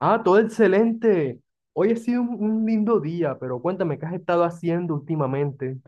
Ah, todo excelente. Hoy ha sido un lindo día, pero cuéntame qué has estado haciendo últimamente.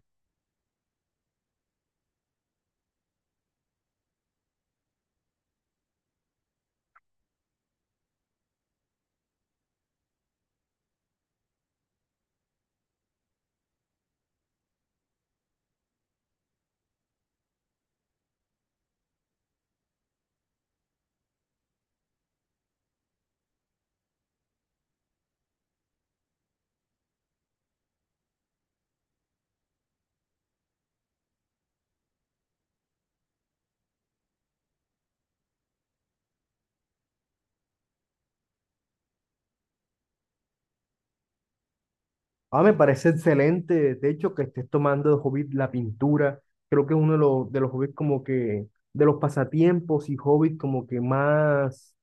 Ah, me parece excelente. De hecho, que estés tomando de hobby la pintura. Creo que es uno de los hobbies como que, de los pasatiempos y hobbies como que más,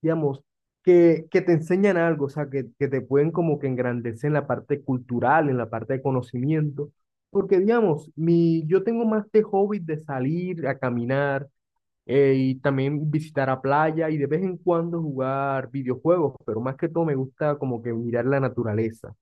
digamos, que te enseñan algo, o sea, que te pueden como que engrandecer en la parte cultural, en la parte de conocimiento. Porque, digamos, yo tengo más de hobby de salir a caminar y también visitar a playa y de vez en cuando jugar videojuegos, pero más que todo me gusta como que mirar la naturaleza.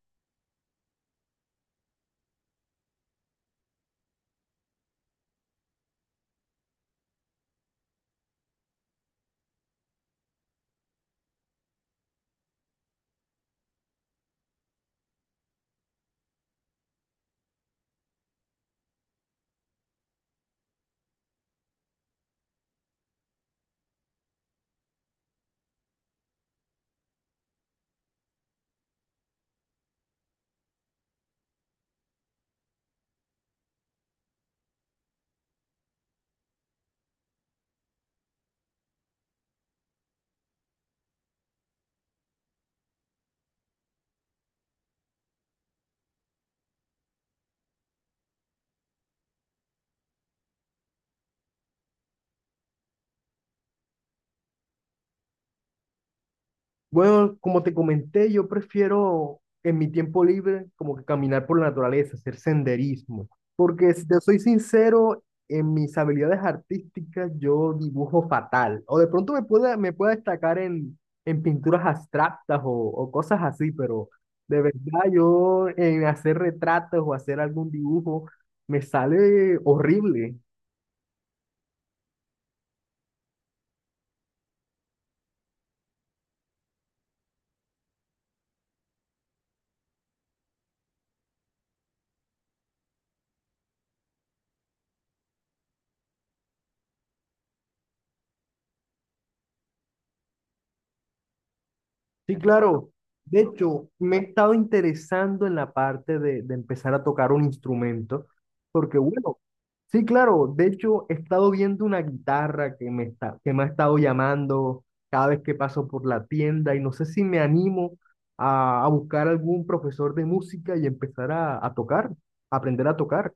Bueno, como te comenté, yo prefiero en mi tiempo libre como que caminar por la naturaleza, hacer senderismo, porque si te soy sincero, en mis habilidades artísticas yo dibujo fatal, o de pronto me pueda destacar en pinturas abstractas o cosas así, pero de verdad yo en hacer retratos o hacer algún dibujo me sale horrible. Sí, claro. De hecho, me he estado interesando en la parte de empezar a tocar un instrumento, porque bueno, sí, claro. De hecho, he estado viendo una guitarra que me está, que me ha estado llamando cada vez que paso por la tienda y no sé si me animo a buscar algún profesor de música y empezar a tocar, a aprender a tocar.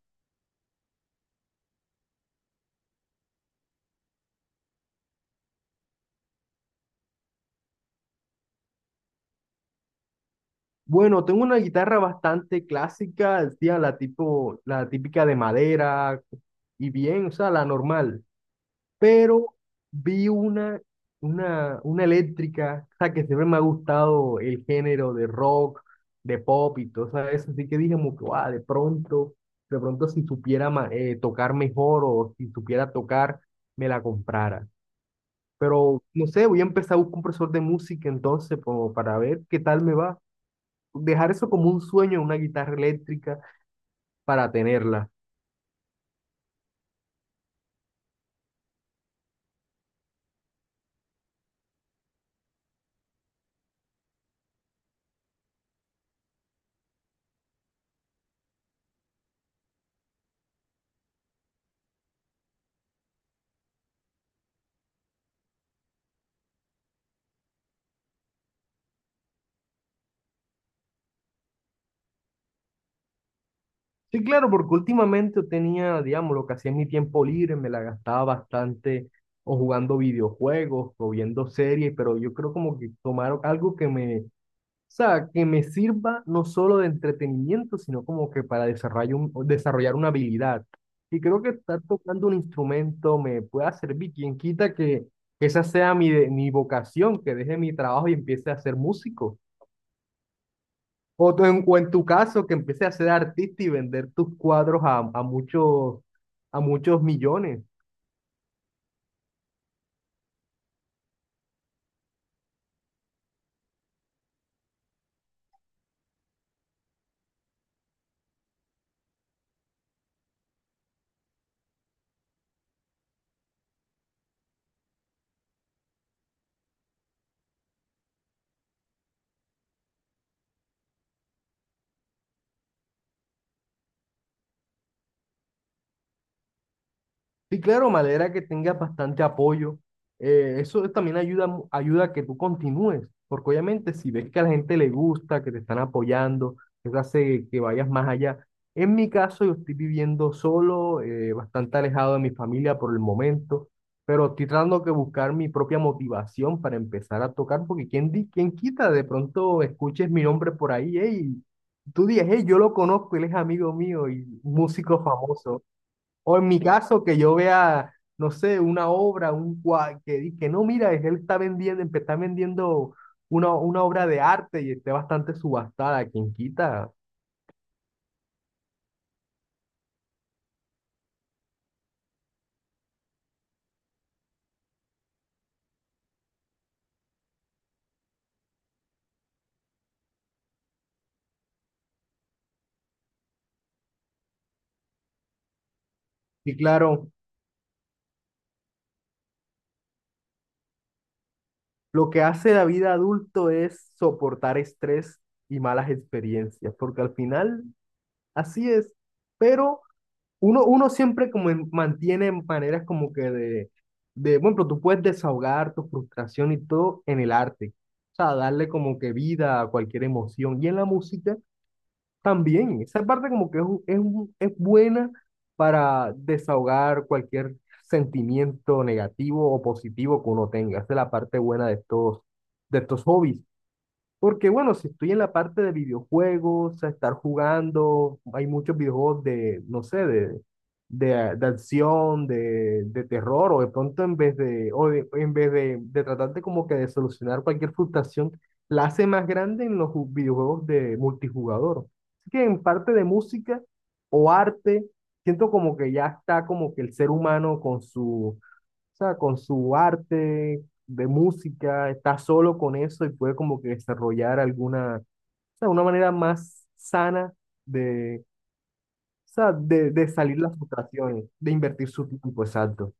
Bueno, tengo una guitarra bastante clásica, tía, la tipo, la típica de madera y bien, o sea, la normal. Pero vi una, una eléctrica, o sea, que siempre me ha gustado el género de rock, de pop y todo eso, así que dije como que, "Guau, de pronto si supiera tocar mejor o si supiera tocar, me la comprara". Pero no sé, voy a empezar a buscar un profesor de música entonces como para ver qué tal me va. Dejar eso como un sueño, una guitarra eléctrica para tenerla. Sí, claro, porque últimamente tenía, digamos, lo que hacía en mi tiempo libre, me la gastaba bastante o jugando videojuegos o viendo series, pero yo creo como que tomar algo que o sea, que me sirva no solo de entretenimiento, sino como que para desarrollar, desarrollar una habilidad. Y creo que estar tocando un instrumento me pueda servir. Quien quita que esa sea mi vocación, que deje mi trabajo y empiece a ser músico. O, o en tu caso, que empieces a ser artista y vender tus cuadros a muchos millones. Sí, claro, me alegra que tengas bastante apoyo. Eso también ayuda, ayuda a que tú continúes, porque obviamente si ves que a la gente le gusta, que te están apoyando, eso hace que vayas más allá. En mi caso, yo estoy viviendo solo, bastante alejado de mi familia por el momento, pero estoy tratando que buscar mi propia motivación para empezar a tocar, porque quién quita, de pronto escuches mi nombre por ahí, hey, tú dices, hey, yo lo conozco, él es amigo mío y músico famoso. O en mi caso, que yo vea, no sé, una obra, un cua- que, di- que no, mira, él está vendiendo, está vendiendo una obra de arte y esté bastante subastada, quien quita. Y claro, lo que hace la vida adulto es soportar estrés y malas experiencias, porque al final así es. Pero uno siempre mantiene maneras como que bueno, pero tú puedes desahogar tu frustración y todo en el arte, o sea, darle como que vida a cualquier emoción y en la música también, esa parte como que es buena para desahogar cualquier sentimiento negativo o positivo que uno tenga, esa es la parte buena de de estos hobbies. Porque bueno, si estoy en la parte de videojuegos, a estar jugando, hay muchos videojuegos de, no sé, de acción, de terror, o de pronto en vez de tratarte como que de solucionar cualquier frustración, la hace más grande en los videojuegos de multijugador. Así que en parte de música o arte, siento como que ya está como que el ser humano con su, o sea, con su arte de música, está solo con eso y puede como que desarrollar alguna, o sea, una manera más sana de, o sea, de salir las frustraciones, de invertir su tiempo, exacto.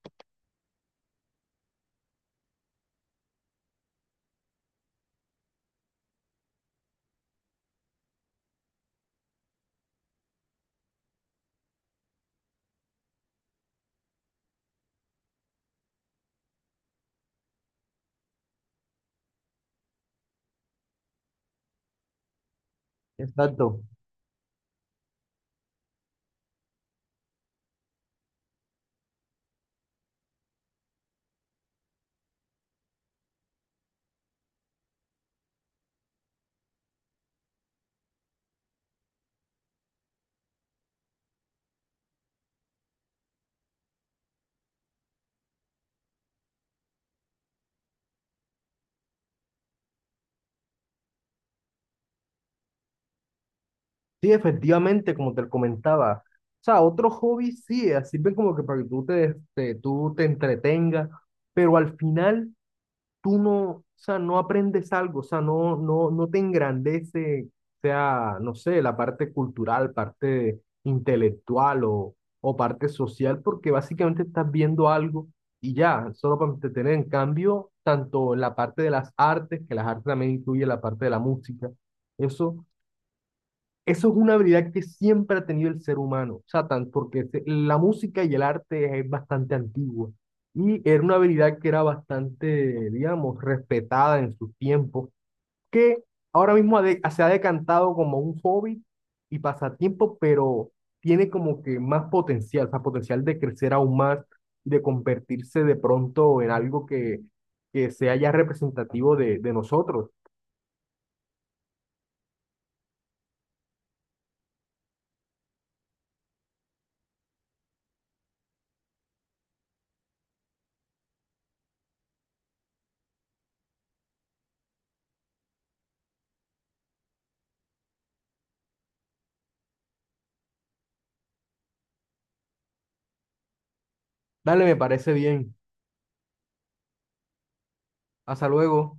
Exacto. Sí, efectivamente, como te comentaba. O sea, otros hobbies sí, sirven como que para que tú te entretengas, pero al final tú no, o sea, no aprendes algo, o sea, no te engrandece, sea, no sé, la parte cultural, parte intelectual o parte social, porque básicamente estás viendo algo y ya, solo para entretener. En cambio, tanto la parte de las artes, que las artes también incluye la parte de la música, eso eso es una habilidad que siempre ha tenido el ser humano, o sea, la música y el arte es bastante antigua y era una habilidad que era bastante, digamos, respetada en su tiempo, que ahora mismo se ha decantado como un hobby y pasatiempo, pero tiene como que más potencial, o sea, potencial de crecer aún más, de convertirse de pronto en algo que sea ya representativo de nosotros. Dale, me parece bien. Hasta luego.